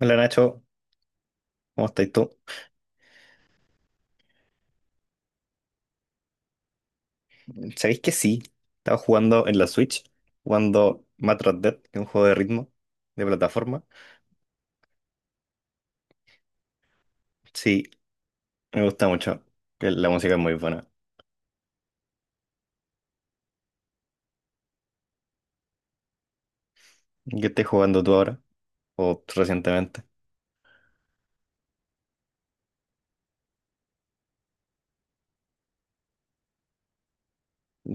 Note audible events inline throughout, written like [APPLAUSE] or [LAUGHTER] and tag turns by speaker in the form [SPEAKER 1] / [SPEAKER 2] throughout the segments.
[SPEAKER 1] Hola Nacho, ¿cómo estáis tú? ¿Sabéis que sí? Estaba jugando en la Switch, jugando Metroid Dead, que es un juego de ritmo, de plataforma. Sí, me gusta mucho, que la música es muy buena. ¿Qué estás jugando tú ahora? ¿O recientemente?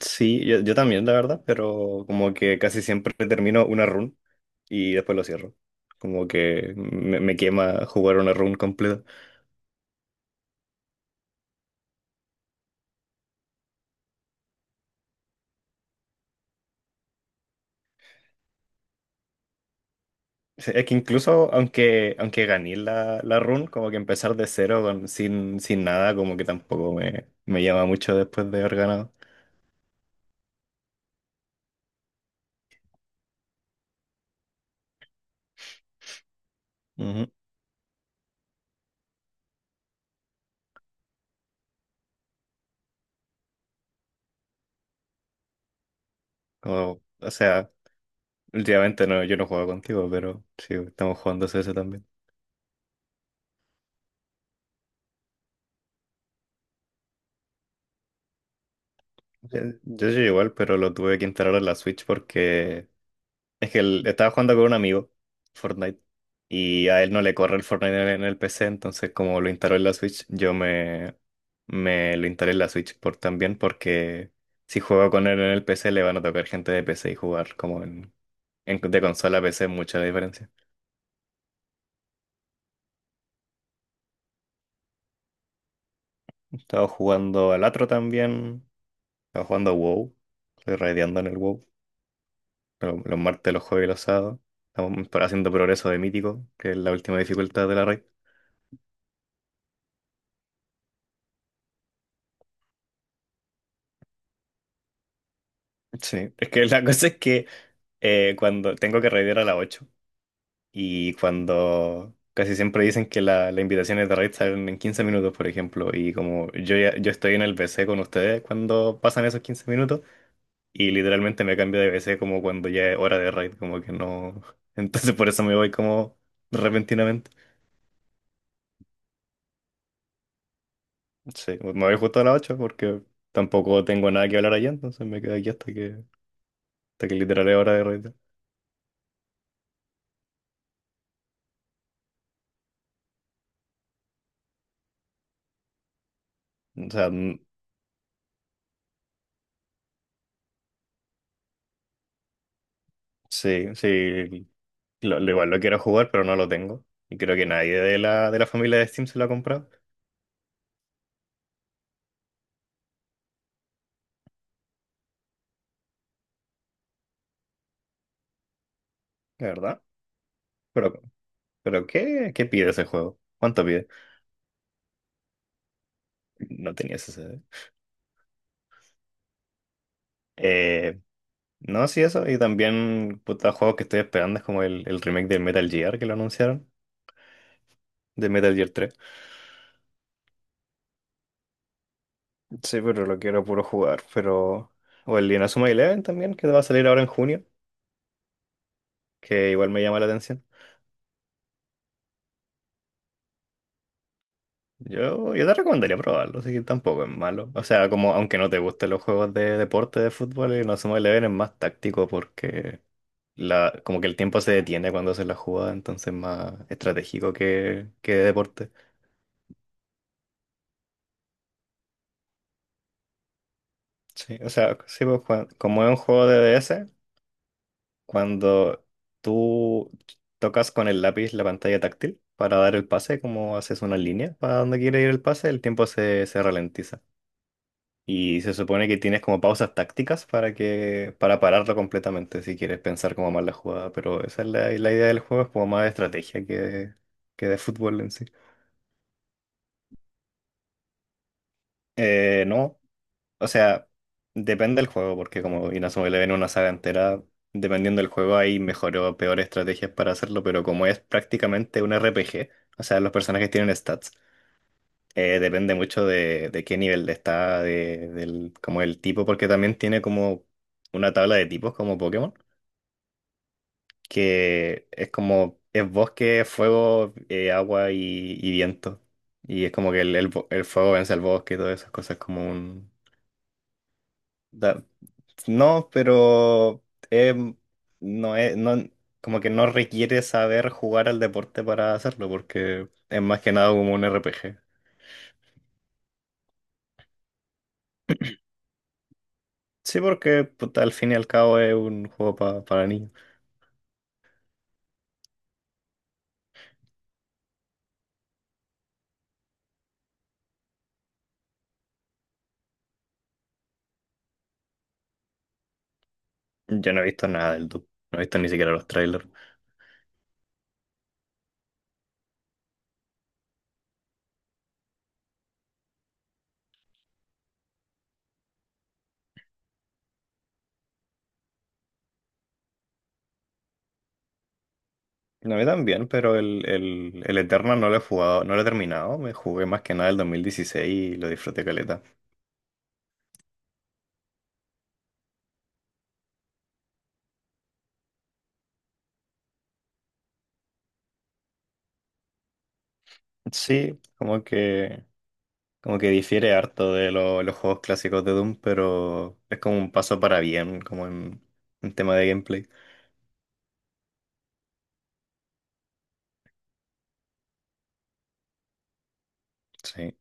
[SPEAKER 1] Sí, yo también, la verdad, pero como que casi siempre termino una run y después lo cierro. Como que me quema jugar una run completa. Sí, es que incluso aunque gané la run, como que empezar de cero con, sin, nada, como que tampoco me llama mucho después de haber ganado. Ujú. O sea, últimamente no, yo no juego contigo, pero sí, estamos jugando CS también. Yo soy igual, pero lo tuve que instalar en la Switch porque es que él estaba jugando con un amigo, Fortnite, y a él no le corre el Fortnite en el PC, entonces como lo instaló en la Switch, me lo instalé en la Switch por también, porque si juego con él en el PC le van a tocar gente de PC y jugar como de consola a PC es mucha la diferencia. Estaba jugando al otro también, estaba jugando a WoW, estoy raideando en el WoW, los martes, los jueves y los sábados. Estamos haciendo progreso de mítico, que es la última dificultad de la raid. Sí, es que la [LAUGHS] cosa es que cuando tengo que raidear a las 8 y cuando casi siempre dicen que las invitaciones de raid salen en 15 minutos, por ejemplo, y como yo estoy en el BC con ustedes cuando pasan esos 15 minutos y literalmente me cambio de BC como cuando ya es hora de raid, como que no. [LAUGHS] Entonces por eso me voy como repentinamente. Sí, me voy justo a las 8 porque tampoco tengo nada que hablar allá, entonces me quedo aquí hasta que literal es hora de raid. O sea, sí, Lo igual lo quiero jugar, pero no lo tengo. Y creo que nadie de la familia de Steam se lo ha comprado, de verdad. Pero, pero ¿qué, pide ese juego? ¿Cuánto pide? No tenía ese C D. Eh, no, sí, eso. Y también, puta, juegos que estoy esperando es como el remake del Metal Gear que lo anunciaron, de Metal Gear 3. Sí, pero lo quiero puro jugar. Pero. O el Inazuma Eleven también, que va a salir ahora en junio, que igual me llama la atención. Yo te recomendaría probarlo, así que tampoco es malo. O sea, como aunque no te gusten los juegos de deporte de fútbol, el Inazuma Eleven es más táctico porque como que el tiempo se detiene cuando haces la jugada, entonces es más estratégico que de deporte. Sí, o sea, sí, pues, como es un juego de DS, cuando tú tocas con el lápiz la pantalla táctil para dar el pase, como haces una línea para donde quiere ir el pase, el tiempo se ralentiza. Y se supone que tienes como pausas tácticas para pararlo completamente si quieres pensar como más la jugada, pero esa es la idea del juego, es como más de estrategia que de fútbol en sí. No, o sea, depende del juego, porque como Inazuma Eleven es una saga entera, dependiendo del juego hay mejor o peor estrategias para hacerlo, pero como es prácticamente un RPG, o sea, los personajes tienen stats, depende mucho de qué nivel está, como el tipo, porque también tiene como una tabla de tipos como Pokémon. Que es como, es bosque, fuego, agua y viento. Y es como que el fuego vence al bosque y todas esas cosas como un. da- no, pero em, no no, como que no requiere saber jugar al deporte para hacerlo, porque es más que nada como un RPG. Sí, porque puta, al fin y al cabo es un juego para niños. Yo no he visto nada del Doom, no he visto ni siquiera los trailers. No, a mí también, pero el Eternal no lo he jugado, no lo he terminado. Me jugué más que nada el 2016 y lo disfruté caleta. Sí, como que difiere harto de los juegos clásicos de Doom, pero es como un paso para bien, como en tema de gameplay. Sí,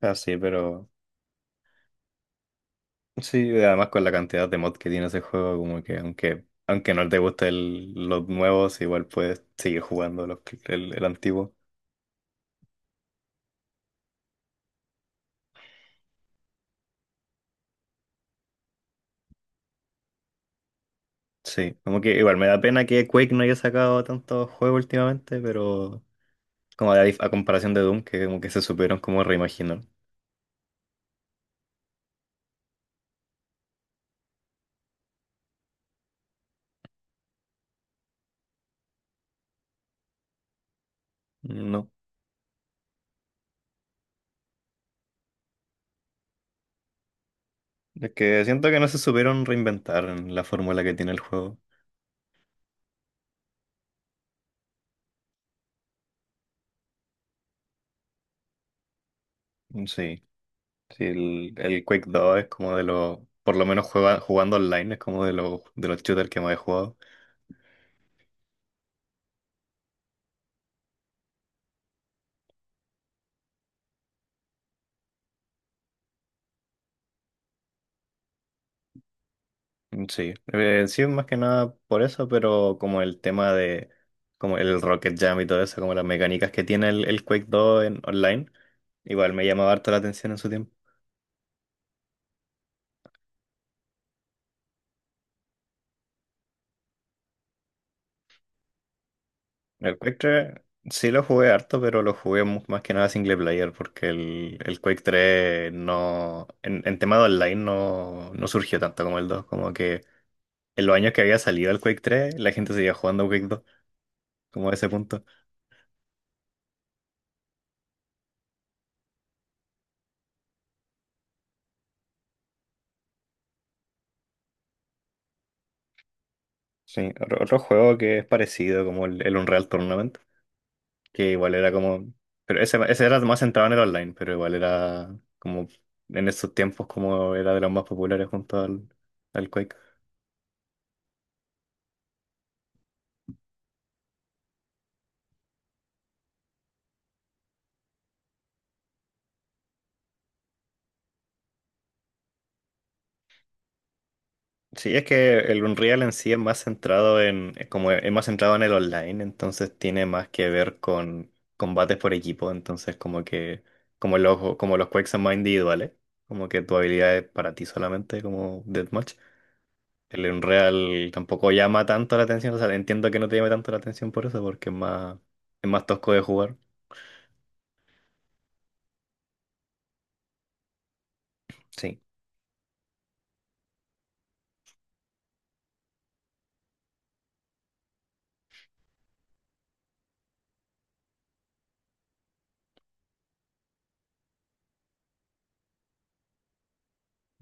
[SPEAKER 1] así, pero sí, además con la cantidad de mods que tiene ese juego, como que aunque no te gusten los nuevos, igual puedes seguir jugando el antiguo. Sí, como que igual me da pena que Quake no haya sacado tantos juegos últimamente, pero como a comparación de Doom, que como que se supieron como reimaginar. No, es que siento que no se supieron reinventar en la fórmula que tiene el juego. Sí, sí, el Quake 2 es como de los, por lo menos jugando online, es como de los shooters que más he jugado. Mm, sí, sí, más que nada por eso, pero como el tema de como el Rocket Jam y todo eso, como las mecánicas que tiene el Quake dos en online, igual me llamaba harto la atención en su tiempo. El Quake tres sí lo jugué harto, pero lo jugué más que nada single player, porque el Quake tres no, en tema de online no, no surgió tanto como el 2, como que en los años que había salido el Quake tres la gente seguía jugando Quake dos, como a ese punto. Sí, otro juego que es parecido, como el Unreal Tournament. Que igual era como, pero ese era más centrado en el online, pero igual era como en esos tiempos como era de los más populares junto al Quake. Sí, es que el Unreal en sí es más centrado en, es como es más centrado en el online, entonces tiene más que ver con combates por equipo, entonces como los Quakes son más individuales, como que tu habilidad es para ti solamente, como Deathmatch. El Unreal tampoco llama tanto la atención, o sea, entiendo que no te llame tanto la atención por eso, porque es más tosco de jugar. Sí.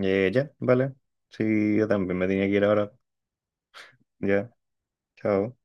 [SPEAKER 1] Ya, vale. Sí, yo también me tenía que ir ahora. Ya, chao.